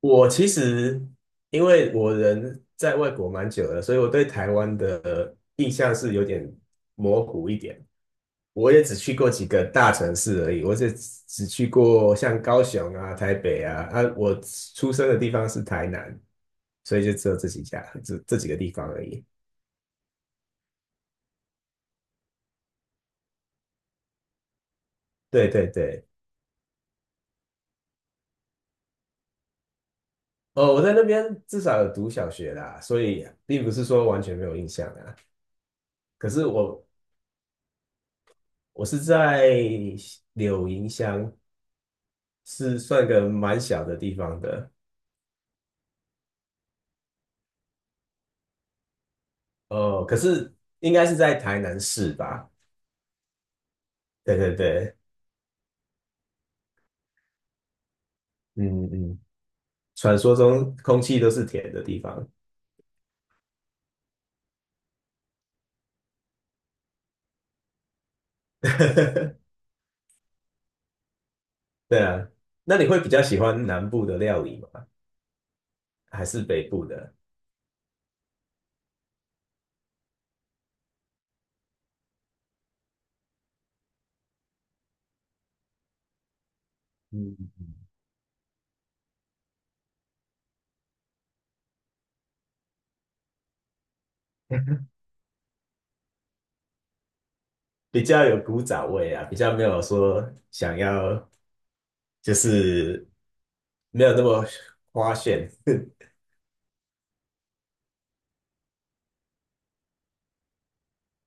我其实因为我人在外国蛮久了，所以我对台湾的印象是有点模糊一点。我也只去过几个大城市而已，我只去过像高雄啊、台北啊，我出生的地方是台南，所以就只有这几家、这几个地方而已。对对对，哦，我在那边至少有读小学啦，所以并不是说完全没有印象啊。可是我是在柳营乡，是算个蛮小的地方的哦，可是应该是在台南市吧？对对对，嗯嗯，传说中空气都是甜的地方。对啊，那你会比较喜欢南部的料理吗？还是北部的？嗯，嗯 比较有古早味啊，比较没有说想要就是没有那么花炫。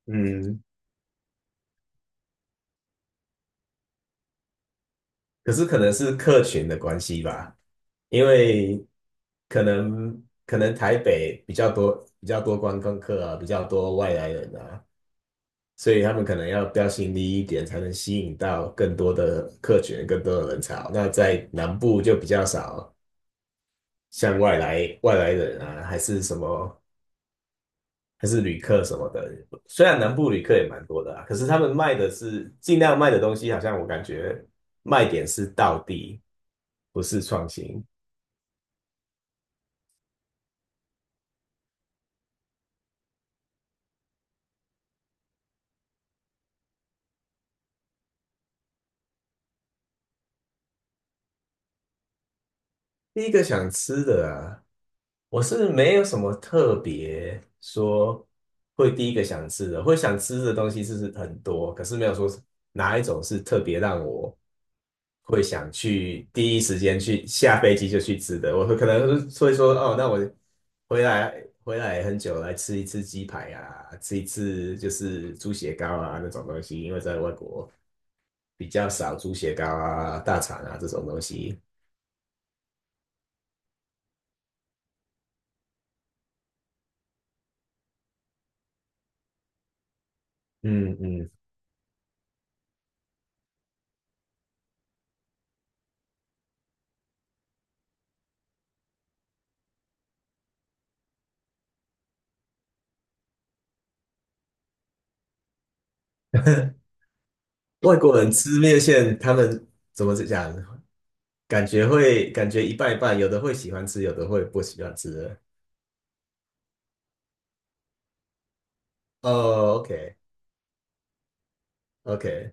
嗯，可是可能是客群的关系吧，因为可能台北比较多观光客啊，比较多外来人啊，所以他们可能要标新立异一点，才能吸引到更多的客群、更多的人潮。那在南部就比较少，像外来人啊，还是旅客什么的。虽然南部旅客也蛮多的啊，可是他们卖的是尽量卖的东西，好像我感觉卖点是道地，不是创新。第一个想吃的啊，我是没有什么特别说会第一个想吃的，会想吃的东西是很多，可是没有说哪一种是特别让我会想去第一时间去下飞机就去吃的。我会可能会说哦，那我回来很久来吃一次鸡排啊，吃一次就是猪血糕啊那种东西，因为在外国比较少猪血糕啊、大肠啊这种东西。嗯嗯，外国人吃面线，他们怎么讲？感觉会感觉一半一半，有的会喜欢吃，有的会不喜欢吃。哦，OK，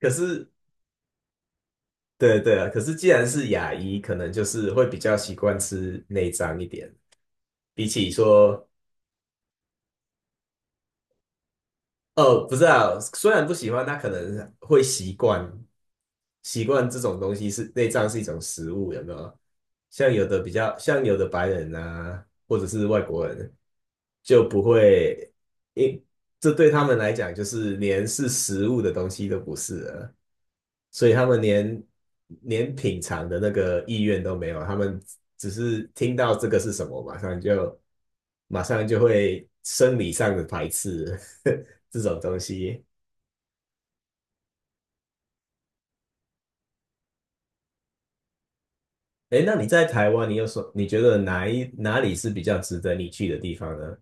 可是对对啊，可是既然是亚裔，可能就是会比较习惯吃内脏一点，比起说哦，不知道，虽然不喜欢，他可能会习惯这种东西是内脏是一种食物，有没有？像有的比较，像有的白人啊，或者是外国人就不会，因这对他们来讲就是连是食物的东西都不是了。所以他们连品尝的那个意愿都没有，他们只是听到这个是什么，马上就会生理上的排斥 这种东西。哎，那你在台湾，你有什你觉得哪里是比较值得你去的地方呢？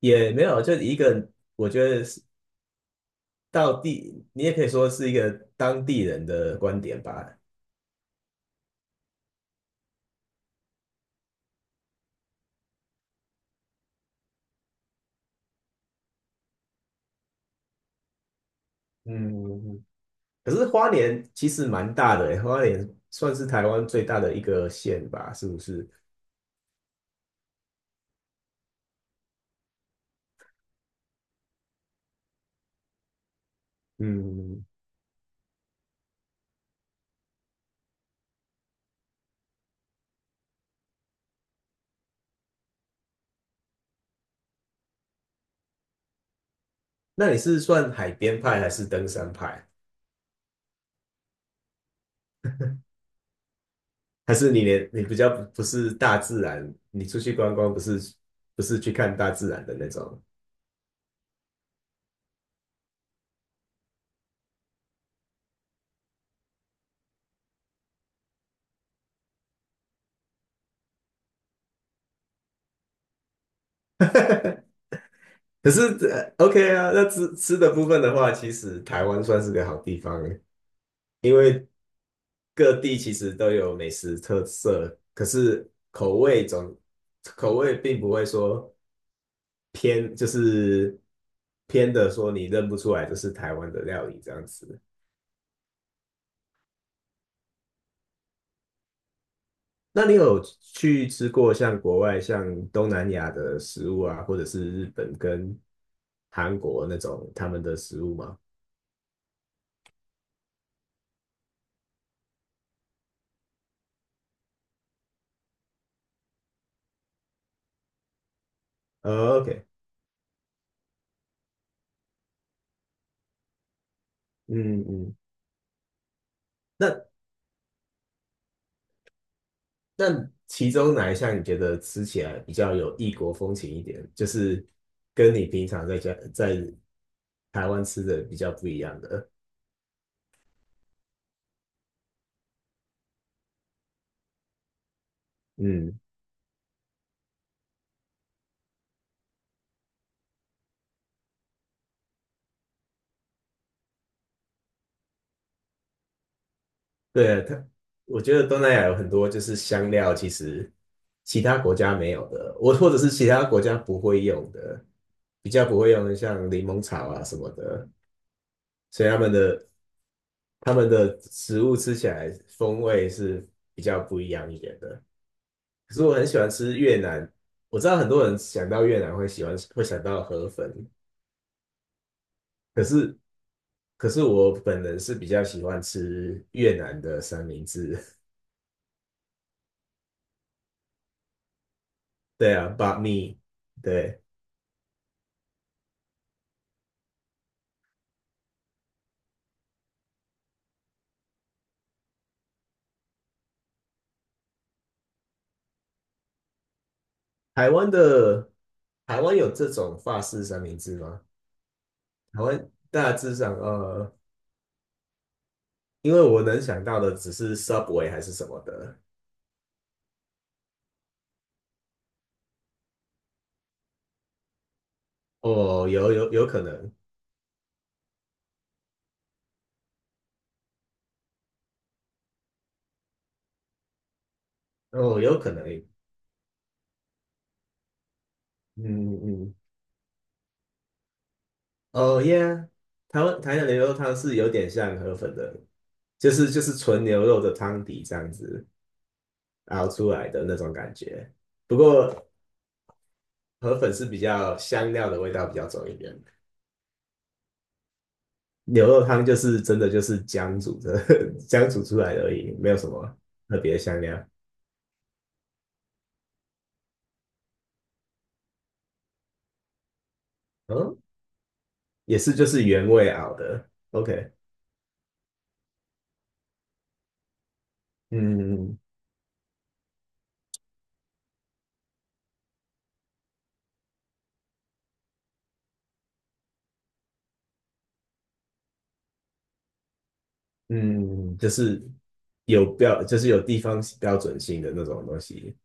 也没有，就一个我觉得是到地，你也可以说是一个当地人的观点吧。嗯，可是花莲其实蛮大的欸，花莲算是台湾最大的一个县吧，是不是？嗯，那你是算海边派还是登山派？还是你比较不是大自然，你出去观光不是不是去看大自然的那种？可是呃 OK 啊，那吃的部分的话，其实台湾算是个好地方欸，因为各地其实都有美食特色，可是口味并不会说。偏就是偏的说你认不出来这是台湾的料理这样子。那你有去吃过像国外像东南亚的食物啊，或者是日本跟韩国那种他们的食物吗？呃，OK,嗯嗯，那那其中哪一项你觉得吃起来比较有异国风情一点，就是跟你平常在家在台湾吃的比较不一样的？嗯，对，我觉得东南亚有很多就是香料，其实其他国家没有的，我或者是其他国家不会用的，比较不会用的，像柠檬草啊什么的，所以他们的食物吃起来风味是比较不一样一点的。可是我很喜欢吃越南，我知道很多人想到越南会喜欢会想到河粉，可是可是我本人是比较喜欢吃越南的三明治，对啊 b u t m e 对。台湾的台湾有这种法式三明治吗？台湾大致上，因为我能想到的只是 Subway 还是什么的。哦，有有有可能，哦，有可能，嗯嗯，嗯哦耶。e a 台湾台南牛肉汤是有点像河粉的，就是纯牛肉的汤底这样子熬出来的那种感觉。不过河粉是比较香料的味道比较重一点。牛肉汤就是真的就是姜煮的，姜煮出来的而已，没有什么特别的香料。嗯，也是就是原味熬的。OK,嗯嗯，就是有标，就是有地方标准性的那种东西。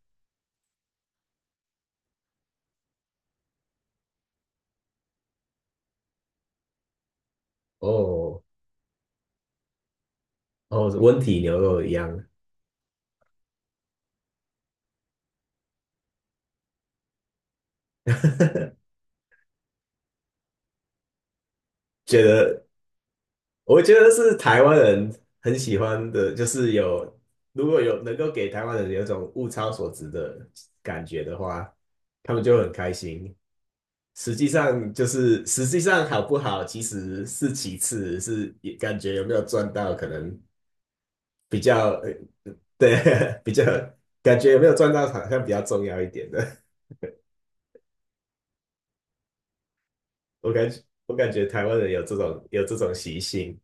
哦，哦，温体牛肉一样，觉得我觉得是台湾人很喜欢的，就是有如果有能够给台湾人有一种物超所值的感觉的话，他们就会很开心。实际上就是实际上好不好，其实是其次，是也感觉有没有赚到，可能比较对 比较感觉有没有赚到，好像比较重要一点的。我感觉我感觉台湾人有这种有这种习性。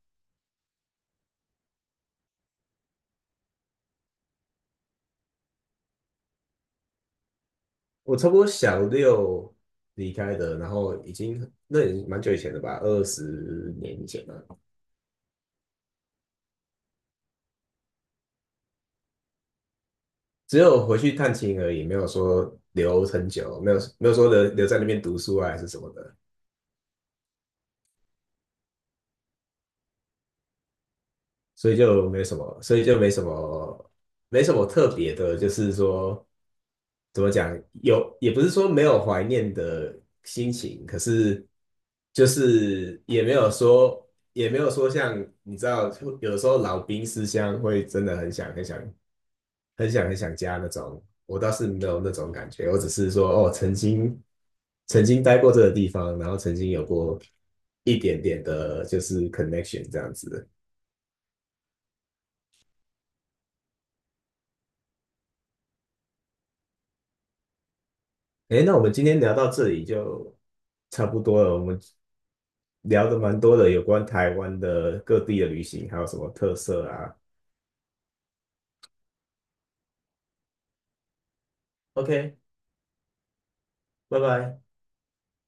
我差不多小六离开的，然后已经那也蛮久以前的吧，20年以前了。只有回去探亲而已，没有说留很久，没有说留留在那边读书啊，还是什么的。所以就没什么，所以就没什么，没什么特别的，就是说怎么讲，有也不是说没有怀念的心情，可是就是也没有说，也没有说像你知道，有的时候老兵思乡会真的很想家那种，我倒是没有那种感觉，我只是说哦，曾经待过这个地方，然后曾经有过一点点的，就是 connection 这样子。诶，那我们今天聊到这里就差不多了。我们聊的蛮多的，有关台湾的各地的旅行，还有什么特色啊？OK,拜拜。